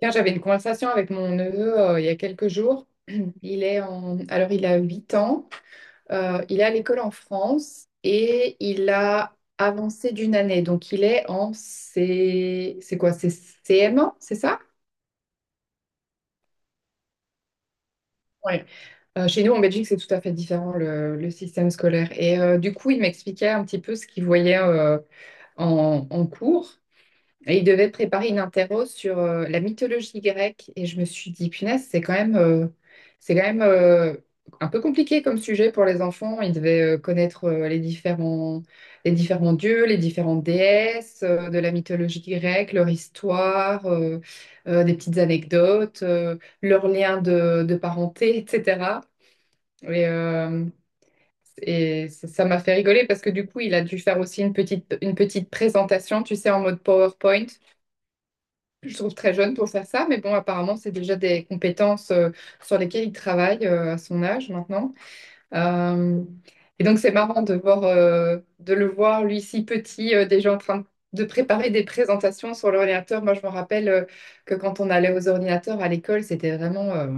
Là, j'avais une conversation avec mon neveu il y a quelques jours. Il est en... Alors, il a 8 ans. Il est à l'école en France et il a avancé d'une année. Donc, il est en C... C'est quoi? C'est CM1, c'est ça? Ouais. Chez nous, en Belgique, c'est tout à fait différent, le système scolaire. Et du coup, il m'expliquait un petit peu ce qu'il voyait en cours. Et il devait préparer une interro sur la mythologie grecque. Et je me suis dit, punaise, c'est quand même un peu compliqué comme sujet pour les enfants. Ils devaient connaître les différents dieux, les différentes déesses de la mythologie grecque, leur histoire, des petites anecdotes, leurs liens de parenté, etc. Et, euh, et ça m'a fait rigoler parce que du coup, il a dû faire aussi une petite présentation, tu sais, en mode PowerPoint. Je trouve très jeune pour faire ça, mais bon, apparemment, c'est déjà des compétences sur lesquelles il travaille à son âge maintenant. Euh, et donc, c'est marrant de voir, de le voir, lui, si petit, déjà en train de préparer des présentations sur l'ordinateur. Moi, je me rappelle que quand on allait aux ordinateurs à l'école, c'était vraiment, euh,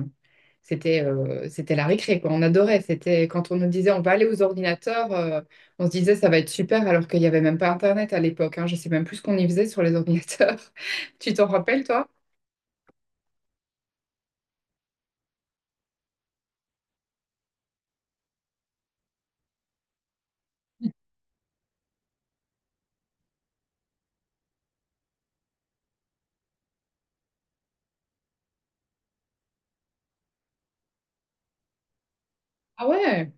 c'était, euh, c'était la récré, quoi. On adorait. C'était quand on nous disait, on va aller aux ordinateurs, on se disait, ça va être super, alors qu'il n'y avait même pas Internet à l'époque, hein. Je sais même plus ce qu'on y faisait sur les ordinateurs. Tu t'en rappelles, toi? Ah ouais.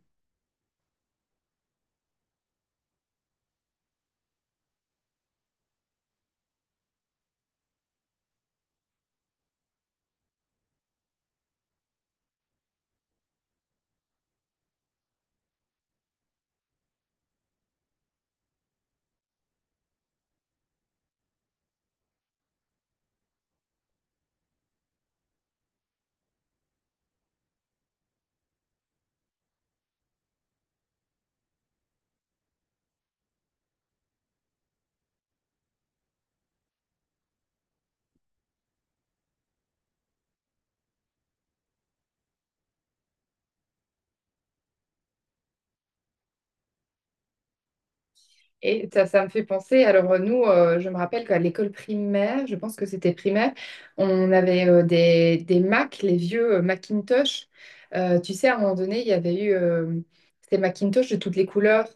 Et ça me fait penser, alors je me rappelle qu'à l'école primaire, je pense que c'était primaire, on avait des Mac, les vieux Macintosh. Tu sais, à un moment donné, il y avait eu, c'était Macintosh de toutes les couleurs,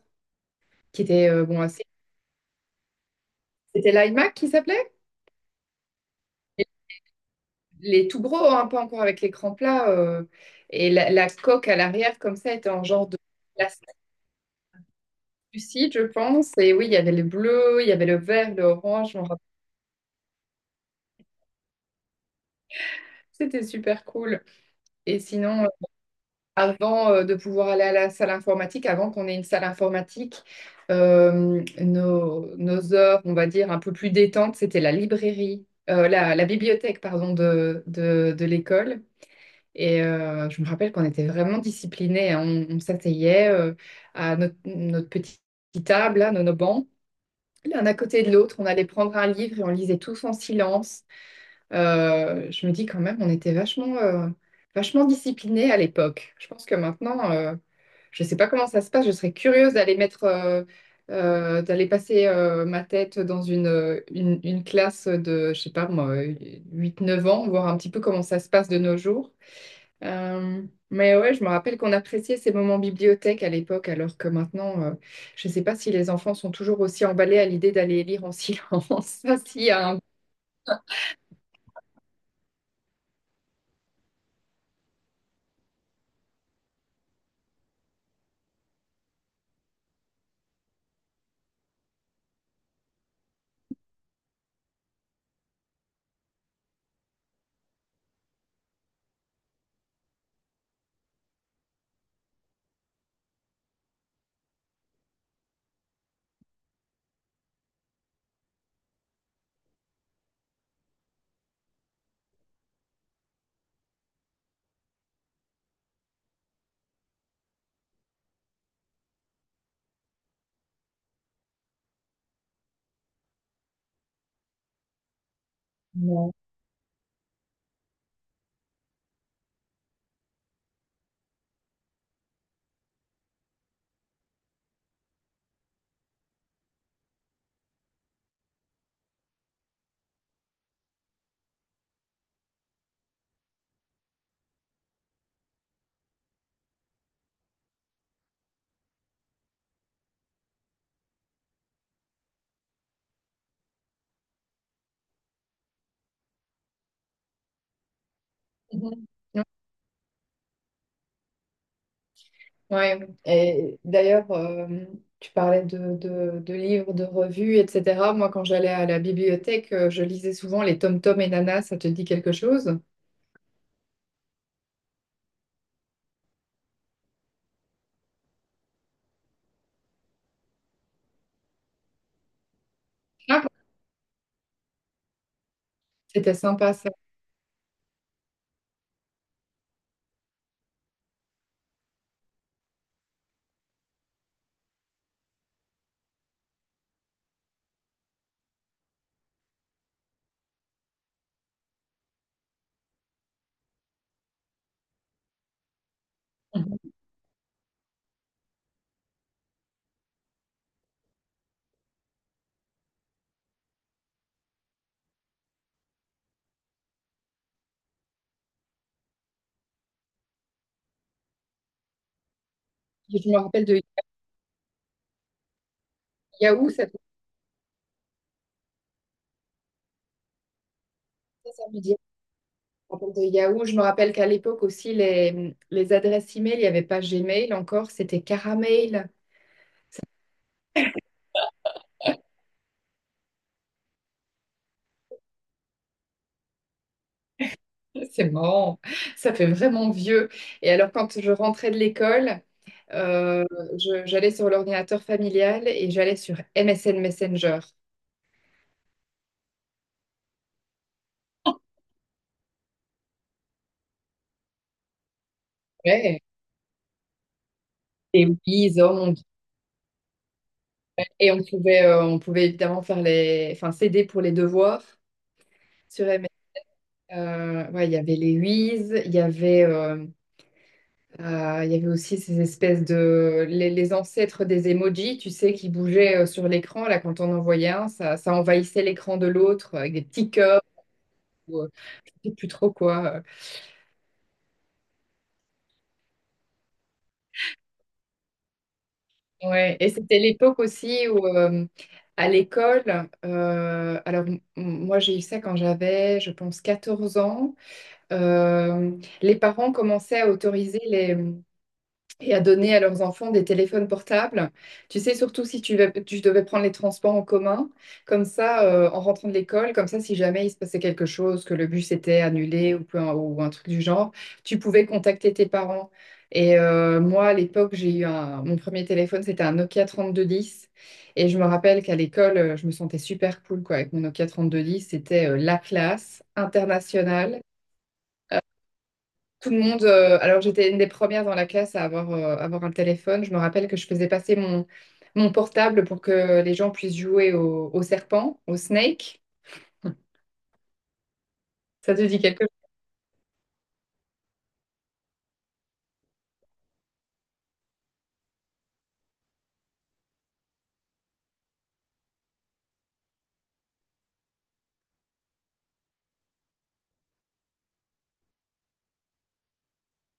qui était, bon, assez- c'était l'iMac qui s'appelait? Les les tout gros, hein, pas encore avec l'écran plat. Et la coque à l'arrière, comme ça, était en genre de plastique lucide, je pense. Et oui, il y avait le bleu, il y avait le vert, le orange. Je m'en rappelle. C'était super cool. Et sinon, avant de pouvoir aller à la salle informatique, avant qu'on ait une salle informatique, nos heures, on va dire, un peu plus détentes, c'était la librairie, la bibliothèque, pardon, de l'école. Et je me rappelle qu'on était vraiment disciplinés, hein. On s'asseyait à notre petite table, là, nos bancs. L'un à côté de l'autre, on allait prendre un livre et on lisait tous en silence. Je me dis quand même, on était vachement disciplinés à l'époque. Je pense que maintenant, je ne sais pas comment ça se passe. Je serais curieuse d'aller mettre, D'aller passer ma tête dans une classe de, je sais pas moi, 8-9 ans, voir un petit peu comment ça se passe de nos jours. Euh, mais ouais, je me rappelle qu'on appréciait ces moments bibliothèque à l'époque, alors que maintenant, je ne sais pas si les enfants sont toujours aussi emballés à l'idée d'aller lire en silence. Ça, s'il y a un... Non. Mhm. Ouais. Et d'ailleurs, tu parlais de livres, de revues, etc. Moi, quand j'allais à la bibliothèque, je lisais souvent les Tom Tom et Nana, ça te dit quelque chose? Ah, c'était sympa, ça. Mhm. Je me rappelle de Yahoo, ça me dit. Je me rappelle de Yahoo. Je me rappelle qu'à l'époque aussi, les adresses email, il n'y avait pas Gmail encore, c'était Caramail. C'est marrant, ça fait vraiment vieux. Et alors, quand je rentrais de l'école, Euh, j'allais sur l'ordinateur familial et j'allais sur MSN Messenger. Ouais. Et oui, et on pouvait évidemment faire les, enfin, s'aider pour les devoirs sur MS. Ouais, il y avait les Wiz, il y avait aussi ces espèces de, les ancêtres des emojis, tu sais, qui bougeaient sur l'écran. Là, quand on envoyait un, ça envahissait l'écran de l'autre avec des petits cœurs ou je sais plus trop quoi. Ouais, et c'était l'époque aussi où, à l'école, euh, alors m- moi j'ai eu ça quand j'avais, je pense, 14 ans, euh, les parents commençaient à autoriser et à donner à leurs enfants des téléphones portables. Tu sais, surtout si tu devais prendre les transports en commun, comme ça, en rentrant de l'école, comme ça, si jamais il se passait quelque chose, que le bus était annulé ou un truc du genre, tu pouvais contacter tes parents. Et moi, à l'époque, mon premier téléphone, c'était un Nokia 3210. Et je me rappelle qu'à l'école, je me sentais super cool quoi, avec mon Nokia 3210. C'était la classe internationale. Tout le monde, alors j'étais une des premières dans la classe à avoir un téléphone. Je me rappelle que je faisais passer mon portable pour que les gens puissent jouer au serpent, au snake. Ça te dit quelque chose?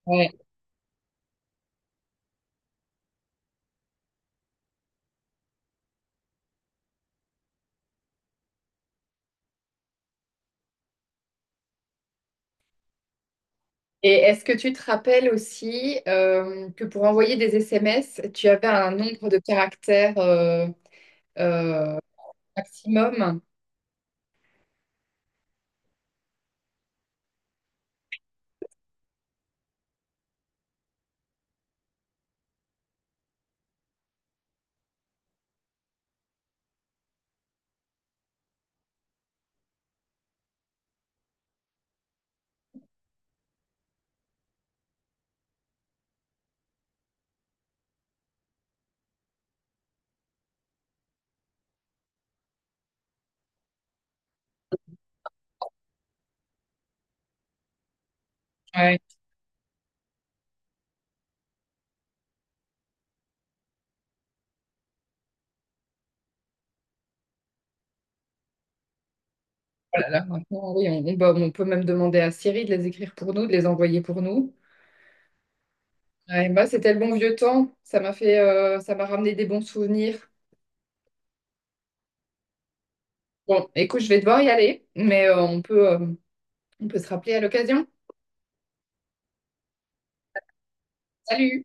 Ouais. Et est-ce que tu te rappelles aussi que pour envoyer des SMS, tu avais un nombre de caractères euh, maximum? Ouais. Oh là là, maintenant, oui, bah, on peut même demander à Siri de les écrire pour nous, de les envoyer pour nous. Ouais, bah, c'était le bon vieux temps. Ça m'a ramené des bons souvenirs. Bon, écoute, je vais devoir y aller, mais on peut se rappeler à l'occasion. Salut!